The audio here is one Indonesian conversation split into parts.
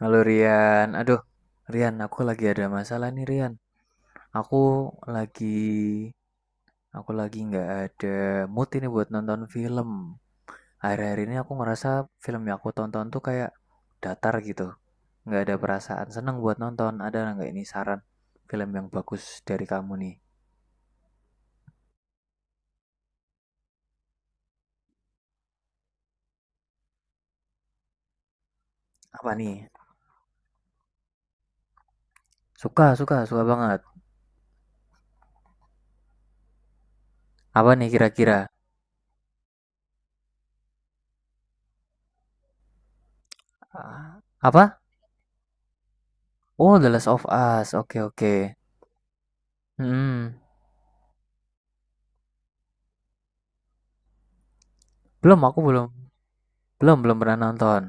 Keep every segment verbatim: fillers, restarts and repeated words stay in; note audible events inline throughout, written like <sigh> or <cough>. Halo Rian, aduh Rian, aku lagi ada masalah nih Rian. Aku lagi, aku lagi nggak ada mood ini buat nonton film. Akhir-akhir ini aku ngerasa film yang aku tonton tuh kayak datar gitu. Nggak ada perasaan seneng buat nonton. Ada nggak ini saran film yang bagus dari kamu nih? Apa nih? Suka, suka, suka banget. Apa nih kira-kira? Ah, apa? Oh, The Last of Us. Oke, oke. Hmm, belum, aku belum, belum, belum pernah nonton.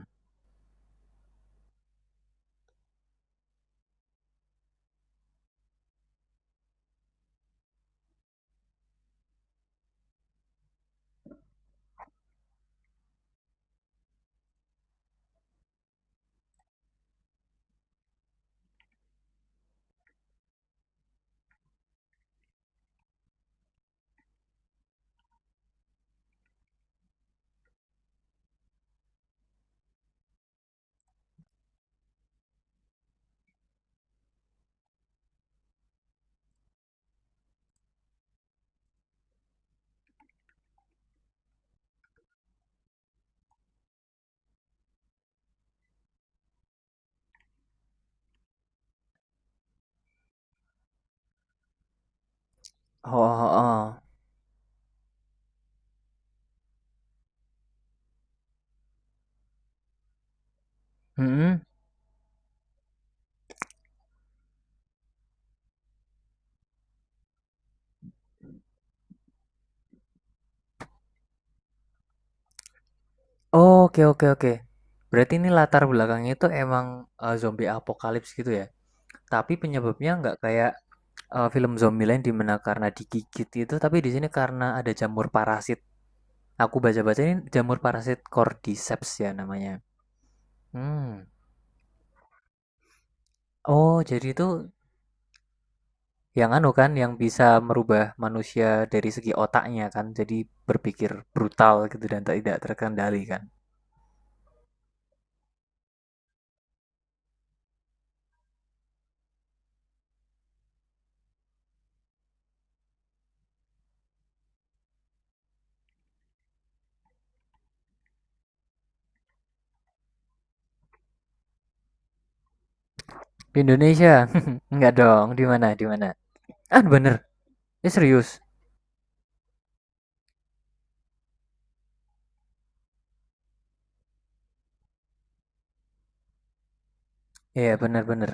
Oh, oh, oh. Mm-mm. Oh, oke, oke, oke. Berarti ini latar belakangnya itu emang eh, zombie apokalips gitu ya. Tapi penyebabnya nggak kayak eh, film Zombieland di mana karena digigit itu, tapi di sini karena ada jamur parasit. Aku baca-baca ini jamur parasit Cordyceps ya namanya. Hmm. Oh, jadi itu yang anu kan yang bisa merubah manusia dari segi otaknya kan. Jadi berpikir brutal gitu dan tidak terkendali kan. Di Indonesia. <laughs> Nggak dong, di mana? Di mana? Ah, bener? Ya serius? Iya, bener bener.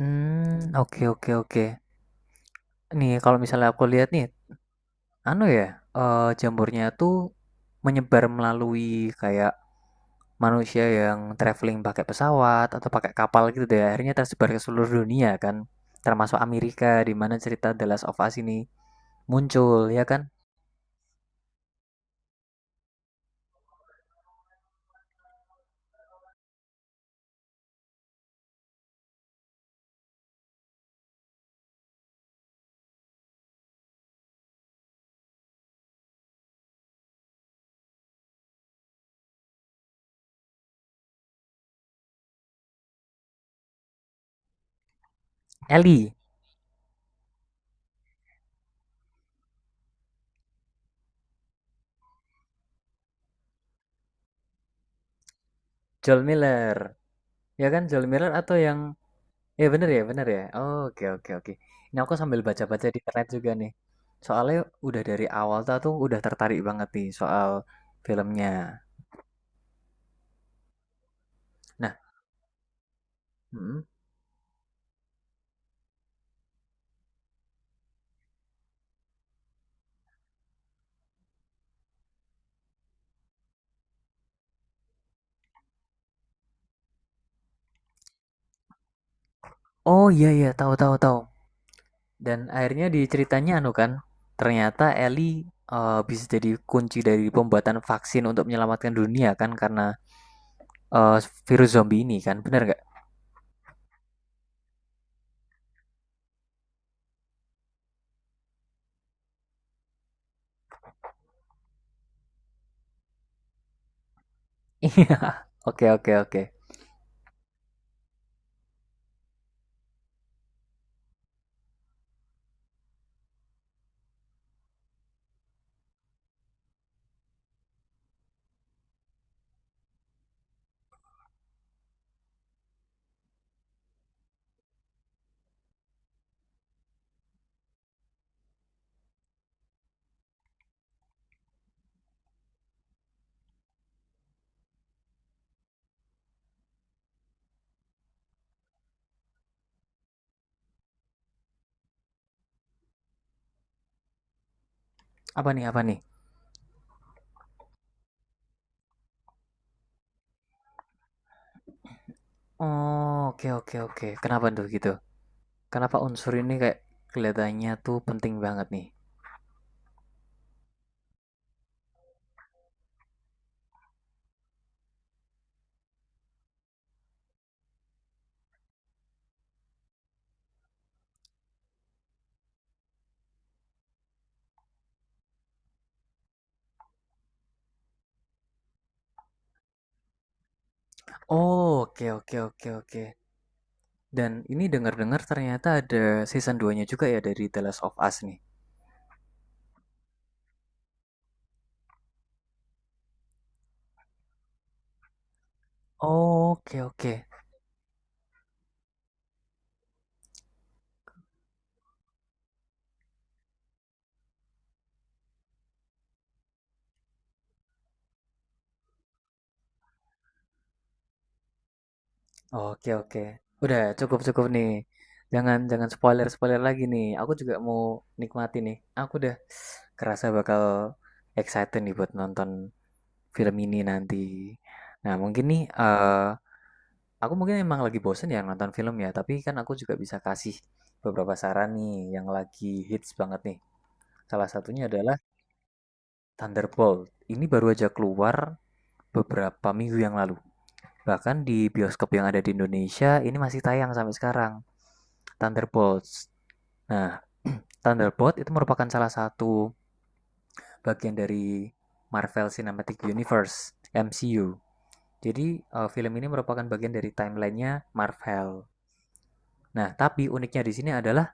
Mmm, oke oke oke. Nih, kalau misalnya aku lihat nih, anu ya, eee, jambornya tuh menyebar melalui kayak manusia yang traveling pakai pesawat atau pakai kapal gitu deh, akhirnya tersebar ke seluruh dunia kan, termasuk Amerika di mana cerita The Last of Us ini muncul, ya kan? Ellie, Joel Miller, ya kan? Joel Miller atau yang ya bener ya, bener ya. Oke, oke, oke. Ini aku sambil baca-baca di internet juga nih. Soalnya udah dari awal tuh aku udah tertarik banget nih soal filmnya. Nah, mm. Oh iya iya, tahu tahu tahu. Dan akhirnya di ceritanya anu kan, ternyata Ellie eh, bisa jadi kunci dari pembuatan vaksin untuk menyelamatkan dunia kan karena eh, virus zombie ini kan, bener nggak? <laughs> Iya. Oke, oke, oke. Apa nih, apa nih? Oh, oke, oke, oke. Kenapa tuh gitu? Kenapa unsur ini kayak kelihatannya tuh penting banget nih? Oh, oke oke oke oke. Dan ini dengar-dengar ternyata ada season dua-nya juga ya dari The Last of Us nih. Oh, oke oke. Oke oke. Udah cukup-cukup nih. Jangan jangan spoiler-spoiler lagi nih. Aku juga mau nikmati nih. Aku udah kerasa bakal excited nih buat nonton film ini nanti. Nah, mungkin nih eh aku mungkin emang lagi bosen ya nonton film ya, tapi kan aku juga bisa kasih beberapa saran nih yang lagi hits banget nih. Salah satunya adalah Thunderbolt. Ini baru aja keluar beberapa minggu yang lalu. Bahkan di bioskop yang ada di Indonesia ini masih tayang sampai sekarang. Thunderbolts. Nah, Thunderbolt itu merupakan salah satu bagian dari Marvel Cinematic Universe, M C U. Jadi, eh, film ini merupakan bagian dari timelinenya Marvel. Nah, tapi uniknya di sini adalah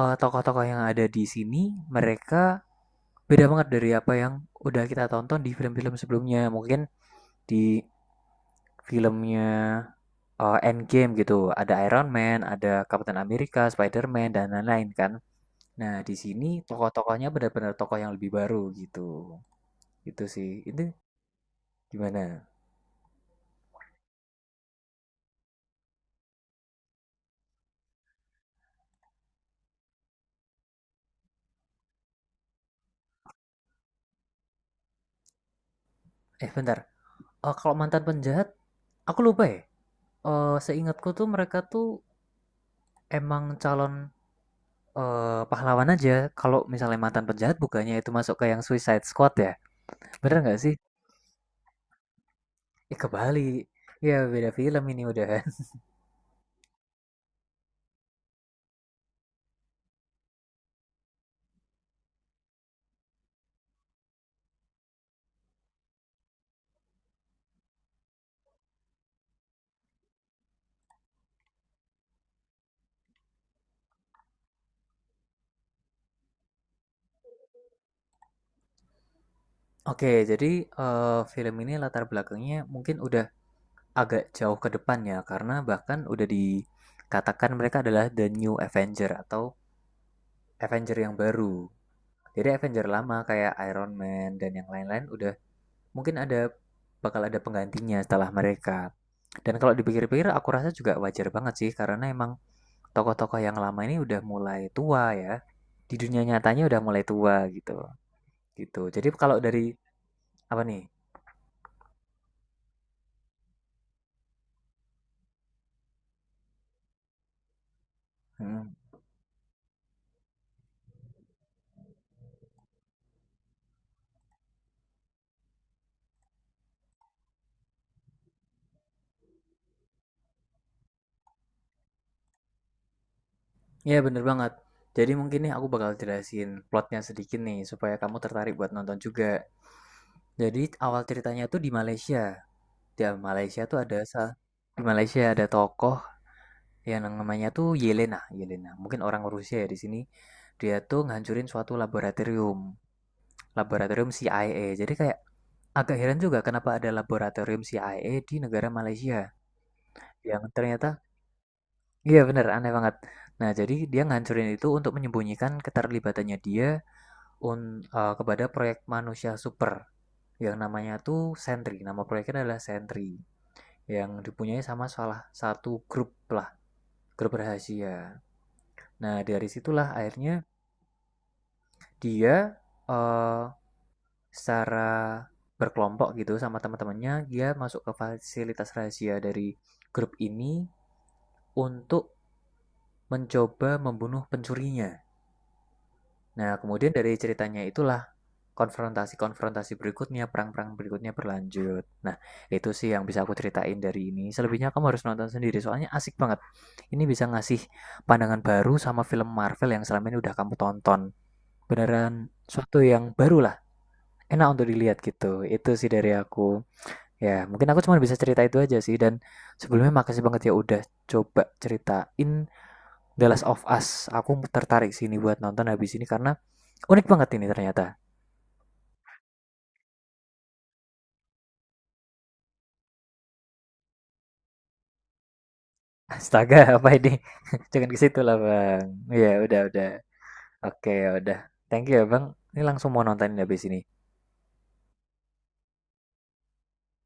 eh, tokoh-tokoh yang ada di sini mereka beda banget dari apa yang udah kita tonton di film-film sebelumnya. Mungkin di filmnya eh, Endgame gitu, ada Iron Man, ada Captain America, Spider-Man dan lain-lain kan. Nah, di sini tokoh-tokohnya benar-benar tokoh yang lebih baru gitu. Itu sih. Itu gimana? Eh, bentar. Eh, kalau mantan penjahat, aku lupa ya. Eh, seingatku tuh mereka tuh emang calon eh, pahlawan aja. Kalau misalnya mantan penjahat bukannya itu masuk ke yang Suicide Squad ya? Bener nggak sih? Ya kebalik. Ya beda film ini udahan. <laughs> Oke, jadi eh, film ini latar belakangnya mungkin udah agak jauh ke depannya karena bahkan udah dikatakan mereka adalah The New Avenger atau Avenger yang baru. Jadi Avenger lama kayak Iron Man dan yang lain-lain udah mungkin ada bakal ada penggantinya setelah mereka. Dan kalau dipikir-pikir aku rasa juga wajar banget sih karena emang tokoh-tokoh yang lama ini udah mulai tua ya. Di dunia nyatanya udah mulai tua gitu. Gitu. Jadi kalau dari apa nih? Hmm. Ya bener banget. Jadi mungkin nih aku bakal jelasin plotnya sedikit nih supaya kamu tertarik buat nonton juga. Jadi awal ceritanya tuh di Malaysia. Di Malaysia tuh ada sa- di Malaysia ada tokoh yang namanya tuh Yelena. Yelena. Mungkin orang Rusia ya di sini. Dia tuh ngancurin suatu laboratorium, laboratorium C I A. Jadi kayak agak heran juga kenapa ada laboratorium C I A di negara Malaysia yang ternyata iya bener aneh banget. Nah, jadi dia ngancurin itu untuk menyembunyikan keterlibatannya dia un, eh, kepada proyek manusia super yang namanya tuh Sentry. Nama proyeknya adalah Sentry yang dipunyai sama salah satu grup lah, grup rahasia. Nah, dari situlah akhirnya dia eh, secara berkelompok gitu sama teman-temannya dia masuk ke fasilitas rahasia dari grup ini untuk mencoba membunuh pencurinya. Nah, kemudian dari ceritanya itulah konfrontasi-konfrontasi berikutnya, perang-perang berikutnya berlanjut. Nah, itu sih yang bisa aku ceritain dari ini. Selebihnya kamu harus nonton sendiri, soalnya asik banget. Ini bisa ngasih pandangan baru sama film Marvel yang selama ini udah kamu tonton. Beneran suatu yang baru lah, enak untuk dilihat gitu. Itu sih dari aku. Ya, mungkin aku cuma bisa cerita itu aja sih. Dan sebelumnya makasih banget ya udah coba ceritain The Last of Us. Aku tertarik sini buat nonton habis ini karena unik banget ini ternyata. <laughs> Astaga, apa ini? <laughs> Jangan ke situ lah, Bang. Ya, udah, udah. Oke, ya udah. Thank you ya, Bang. Ini langsung mau nontonin habis ini.